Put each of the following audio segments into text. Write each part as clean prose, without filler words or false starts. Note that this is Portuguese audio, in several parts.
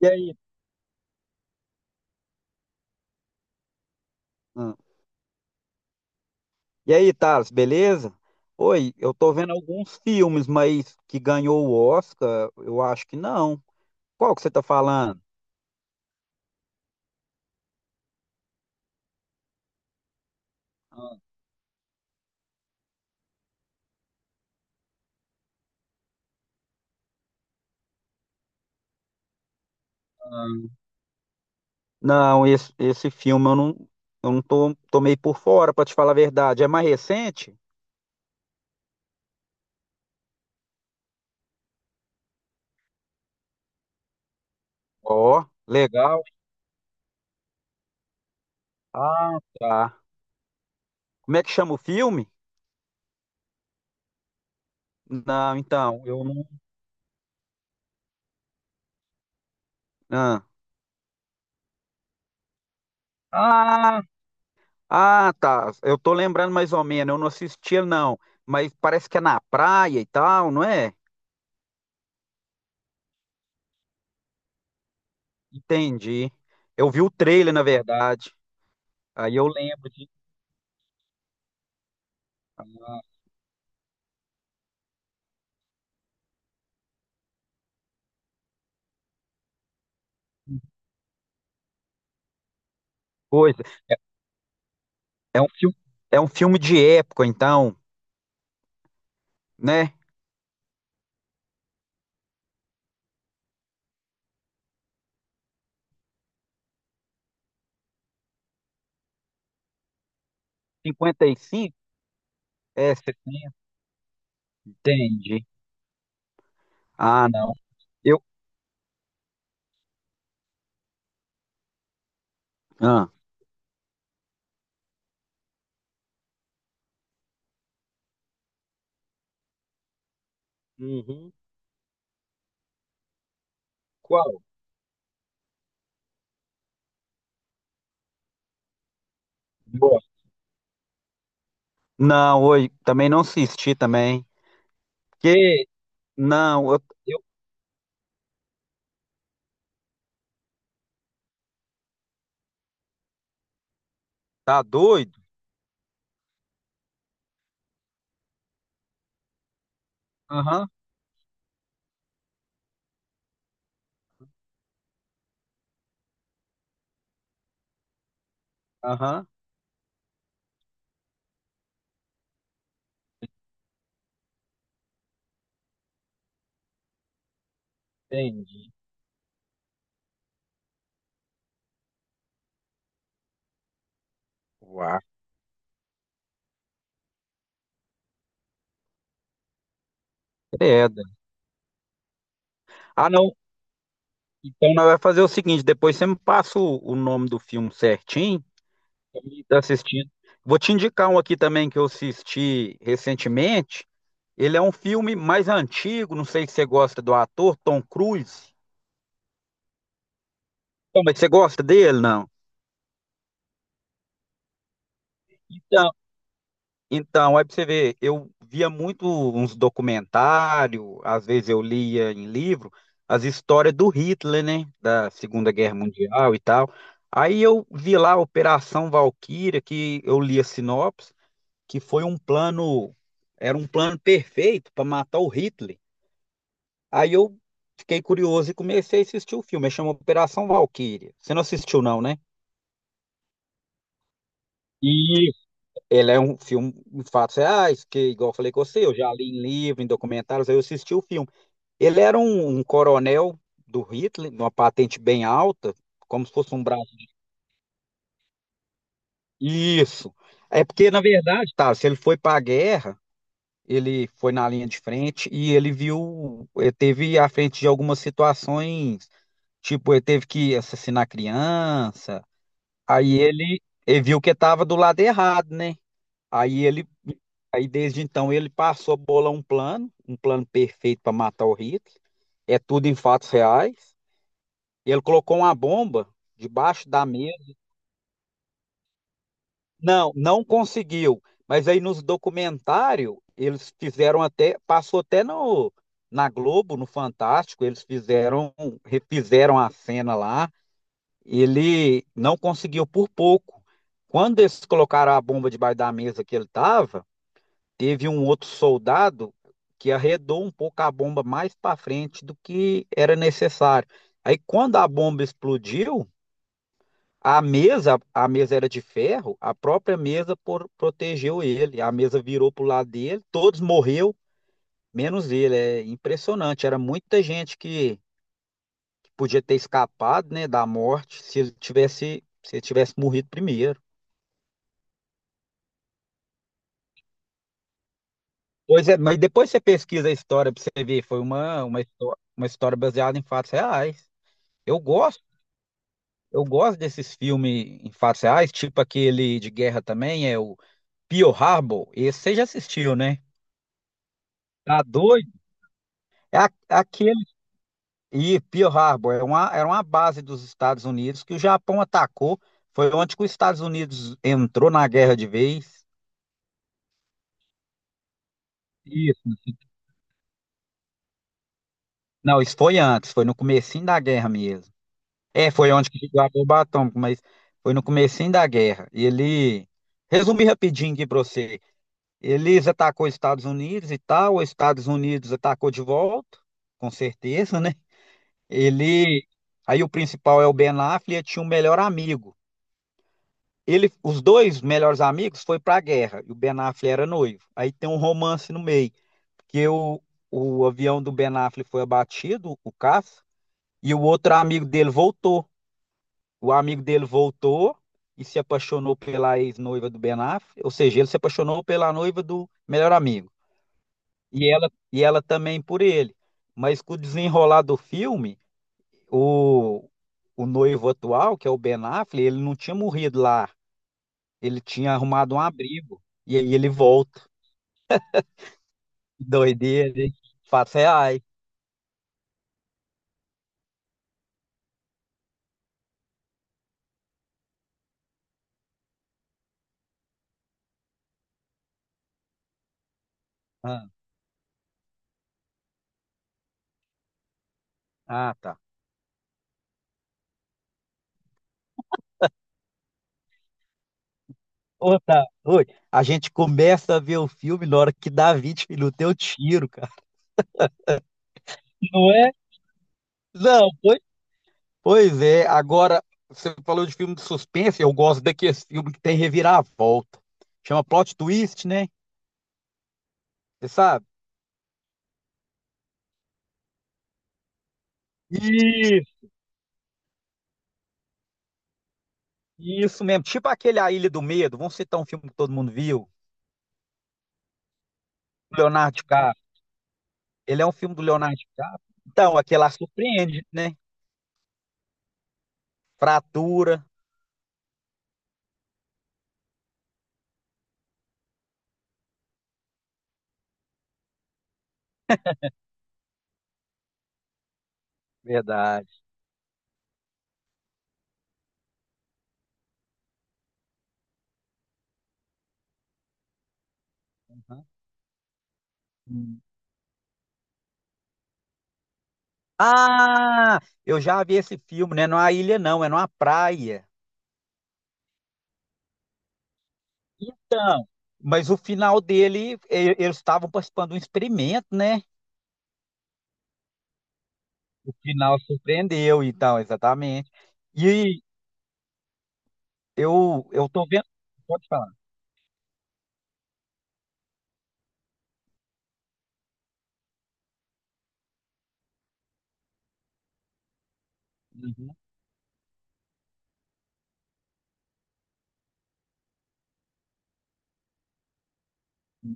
E aí? Hum. E aí, Thales, beleza? Oi, eu tô vendo alguns filmes, mas que ganhou o Oscar, eu acho que não. Qual que você tá falando? Ah, não, esse filme eu não tô meio por fora, pra te falar a verdade. É mais recente? Ó, legal. Ah, tá. Como é que chama o filme? Não, então, eu não. Ah, ah, ah, tá. Eu tô lembrando mais ou menos, eu não assisti, não. Mas parece que é na praia e tal, não é? Entendi. Eu vi o trailer, na verdade. Aí eu lembro de coisa. É um filme, é um filme de época, então, né? Cinquenta e cinco. É, 60. Entendi. Ah, não. Eu. Ah. Uhum. Qual? Boa. Não, hoje também não assisti também. Que não, eu- tá doido? Aham, aham, entendi. Uau. Credo. Ah, não. Então nós vamos fazer o seguinte, depois você me passa o nome do filme certinho. E tá assistindo. Vou te indicar um aqui também que eu assisti recentemente. Ele é um filme mais antigo, não sei se você gosta do ator Tom Cruise. Então, mas você gosta dele, não? Então, então, aí pra você ver, eu via muito uns documentários, às vezes eu lia em livro, as histórias do Hitler, né? Da Segunda Guerra Mundial e tal. Aí eu vi lá a Operação Valquíria, que eu li a sinopse, que foi um plano, era um plano perfeito para matar o Hitler. Aí eu fiquei curioso e comecei a assistir o filme. Ele chama Operação Valkyria. Você não assistiu, não, né? E ele é um filme de fatos reais, que, igual eu falei com você, eu já li em livro, em documentários, aí eu assisti o filme. Ele era um coronel do Hitler, uma patente bem alta, como se fosse um braço. Isso. É porque, na verdade, tá, se ele foi para a guerra. Ele foi na linha de frente e ele viu, ele teve à frente de algumas situações, tipo, ele teve que assassinar criança, aí ele viu que estava do lado errado, né? Aí ele, aí desde então ele passou a bolar um plano perfeito para matar o Hitler, é tudo em fatos reais. Ele colocou uma bomba debaixo da mesa. Não, não conseguiu. Mas aí nos documentários, eles fizeram até, passou até no, na Globo, no Fantástico, eles fizeram, refizeram a cena lá. Ele não conseguiu por pouco. Quando eles colocaram a bomba debaixo da mesa que ele estava, teve um outro soldado que arredou um pouco a bomba mais para frente do que era necessário. Aí quando a bomba explodiu, a mesa era de ferro, a própria mesa por- protegeu ele. A mesa virou pro lado dele, todos morreu, menos ele. É impressionante. Era muita gente que podia ter escapado, né, da morte se ele tivesse morrido primeiro. Pois é, mas depois você pesquisa a história para você ver, foi uma história baseada em fatos reais. Eu gosto, eu gosto desses filmes em fatos reais, tipo aquele de guerra também, é o Pearl Harbor. Esse você já assistiu, né? Tá doido? É a- aquele. E Pearl Harbor era uma base dos Estados Unidos que o Japão atacou. Foi onde que os Estados Unidos entrou na guerra de vez. Isso. Não, isso foi antes, foi no comecinho da guerra mesmo. É, foi onde que chegou a bomba atômica, mas foi no comecinho da guerra. E ele. Resumir rapidinho aqui pra você. Eles atacou os Estados Unidos e tal, os Estados Unidos atacou de volta, com certeza, né? Ele. Aí o principal é o Ben Affleck, tinha um melhor amigo. Ele, os dois melhores amigos foi para a guerra e o Ben Affleck era noivo. Aí tem um romance no meio, que o avião do Ben Affleck foi abatido, o caça, e o outro amigo dele voltou. O amigo dele voltou e se apaixonou pela ex-noiva do Ben Affleck, ou seja, ele se apaixonou pela noiva do melhor amigo. E ela também por ele. Mas com o desenrolar do filme, o, o noivo atual, que é o Ben Affleck, ele não tinha morrido lá. Ele tinha arrumado um abrigo. E aí ele volta. Doideira, hein? Fato reais. Ah, ah, tá. Ô, tá. Oi. A gente começa a ver o filme na hora que dá 20 minutos, eu tiro, cara. Não é? Não, pois, pois é. Agora, você falou de filme de suspense, eu gosto daqueles filmes que tem reviravolta. Chama plot twist, né? Você sabe? Isso, isso mesmo. Tipo aquele A Ilha do Medo. Vamos citar um filme que todo mundo viu. Leonardo DiCaprio. Ele é um filme do Leonardo DiCaprio. Então, aquele lá surpreende, né? Fratura. Verdade. Uhum. Hum. Ah, eu já vi esse filme, né? Não é uma ilha, não, é numa praia. Então, mas o final dele, e- eles estavam participando de um experimento, né? O final surpreendeu, então, exatamente. E eu tô vendo. Pode falar. Uhum.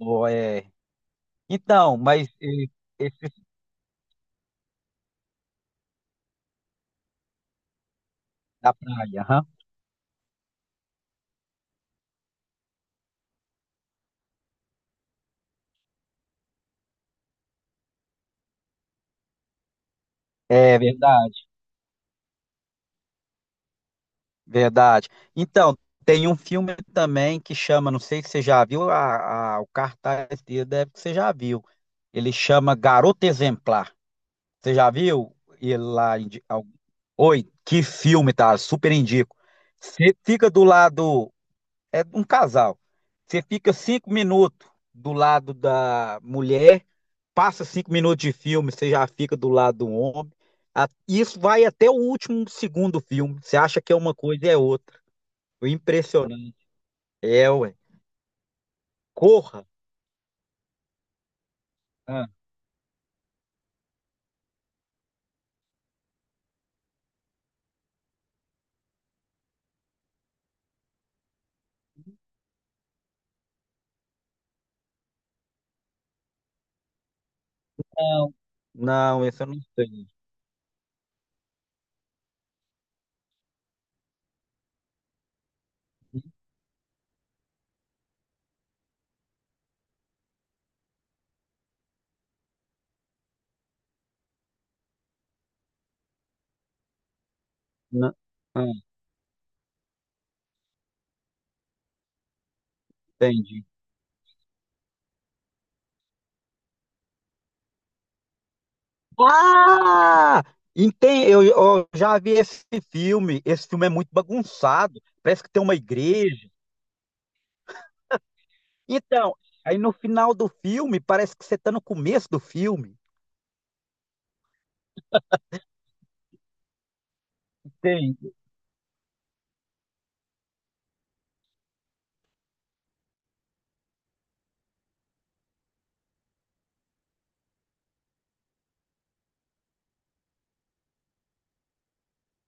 Ó, é. Então, mas e- esse da praia, aham. É verdade. Verdade. Então, tem um filme também que chama, não sei se você já viu, a- o cartaz dele deve que você já viu. Ele chama Garota Exemplar. Você já viu? Ele lá em di- al- oi, que filme, tá? Super indico. Você fica do lado. É um casal. Você fica cinco minutos do lado da mulher, passa cinco minutos de filme, você já fica do lado do homem. A- Isso vai até o último segundo do filme. Você acha que é uma coisa e é outra. O impressionante é, ué. Corra? Ah, não. Não, esse eu não sei. Não, ah, entendi. Ah! Entendi. Eu já vi esse filme. Esse filme é muito bagunçado. Parece que tem uma igreja. Então, aí no final do filme, parece que você tá no começo do filme. Tem.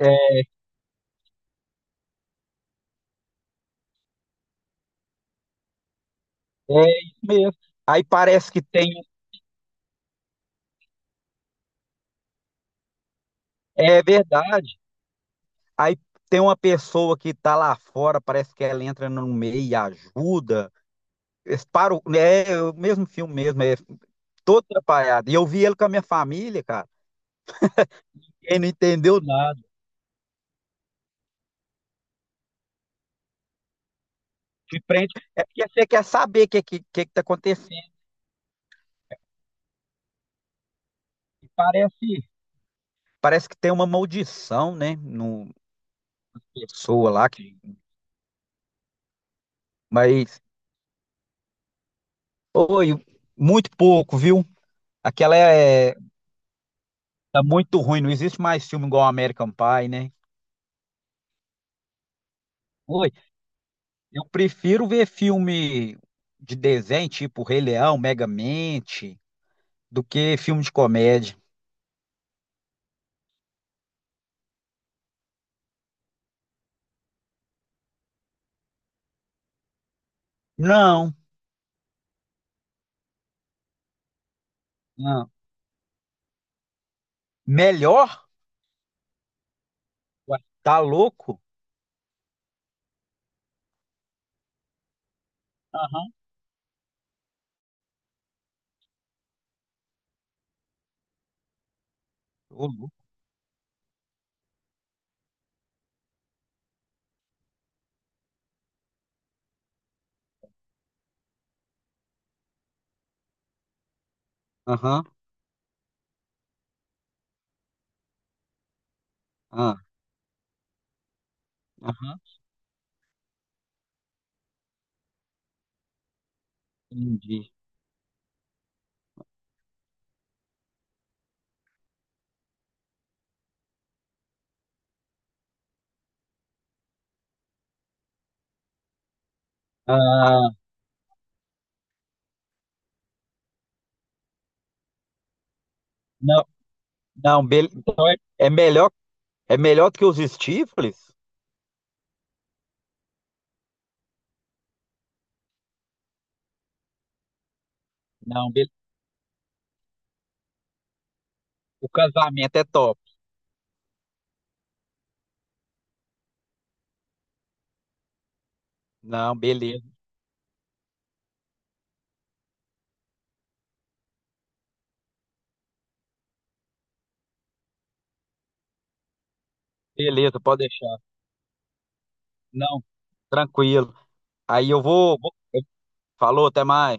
É é isso mesmo. Aí parece que tem. É verdade. Aí tem uma pessoa que tá lá fora, parece que ela entra no meio e ajuda. Eles param, é o mesmo filme mesmo, é todo atrapalhado. E eu vi ele com a minha família, cara. Ele não entendeu nada. De frente, é porque você quer saber o que que tá acontecendo. E parece que tem uma maldição, né? No pessoa lá que, mas oi, muito pouco, viu? Aquela é tá muito ruim, não existe mais filme igual American Pie, né? Oi, eu prefiro ver filme de desenho, tipo Rei Leão, Megamente, do que filme de comédia. Não, não. Melhor? Ué, tá louco? Aham. Ô, louco. Aham, ah, aham, entendi. Ah, não, não, então é, é melhor do que os Stifles? Não, o casamento é top. Não, beleza, beleza, pode deixar. Não, tranquilo. Aí eu falou, até mais.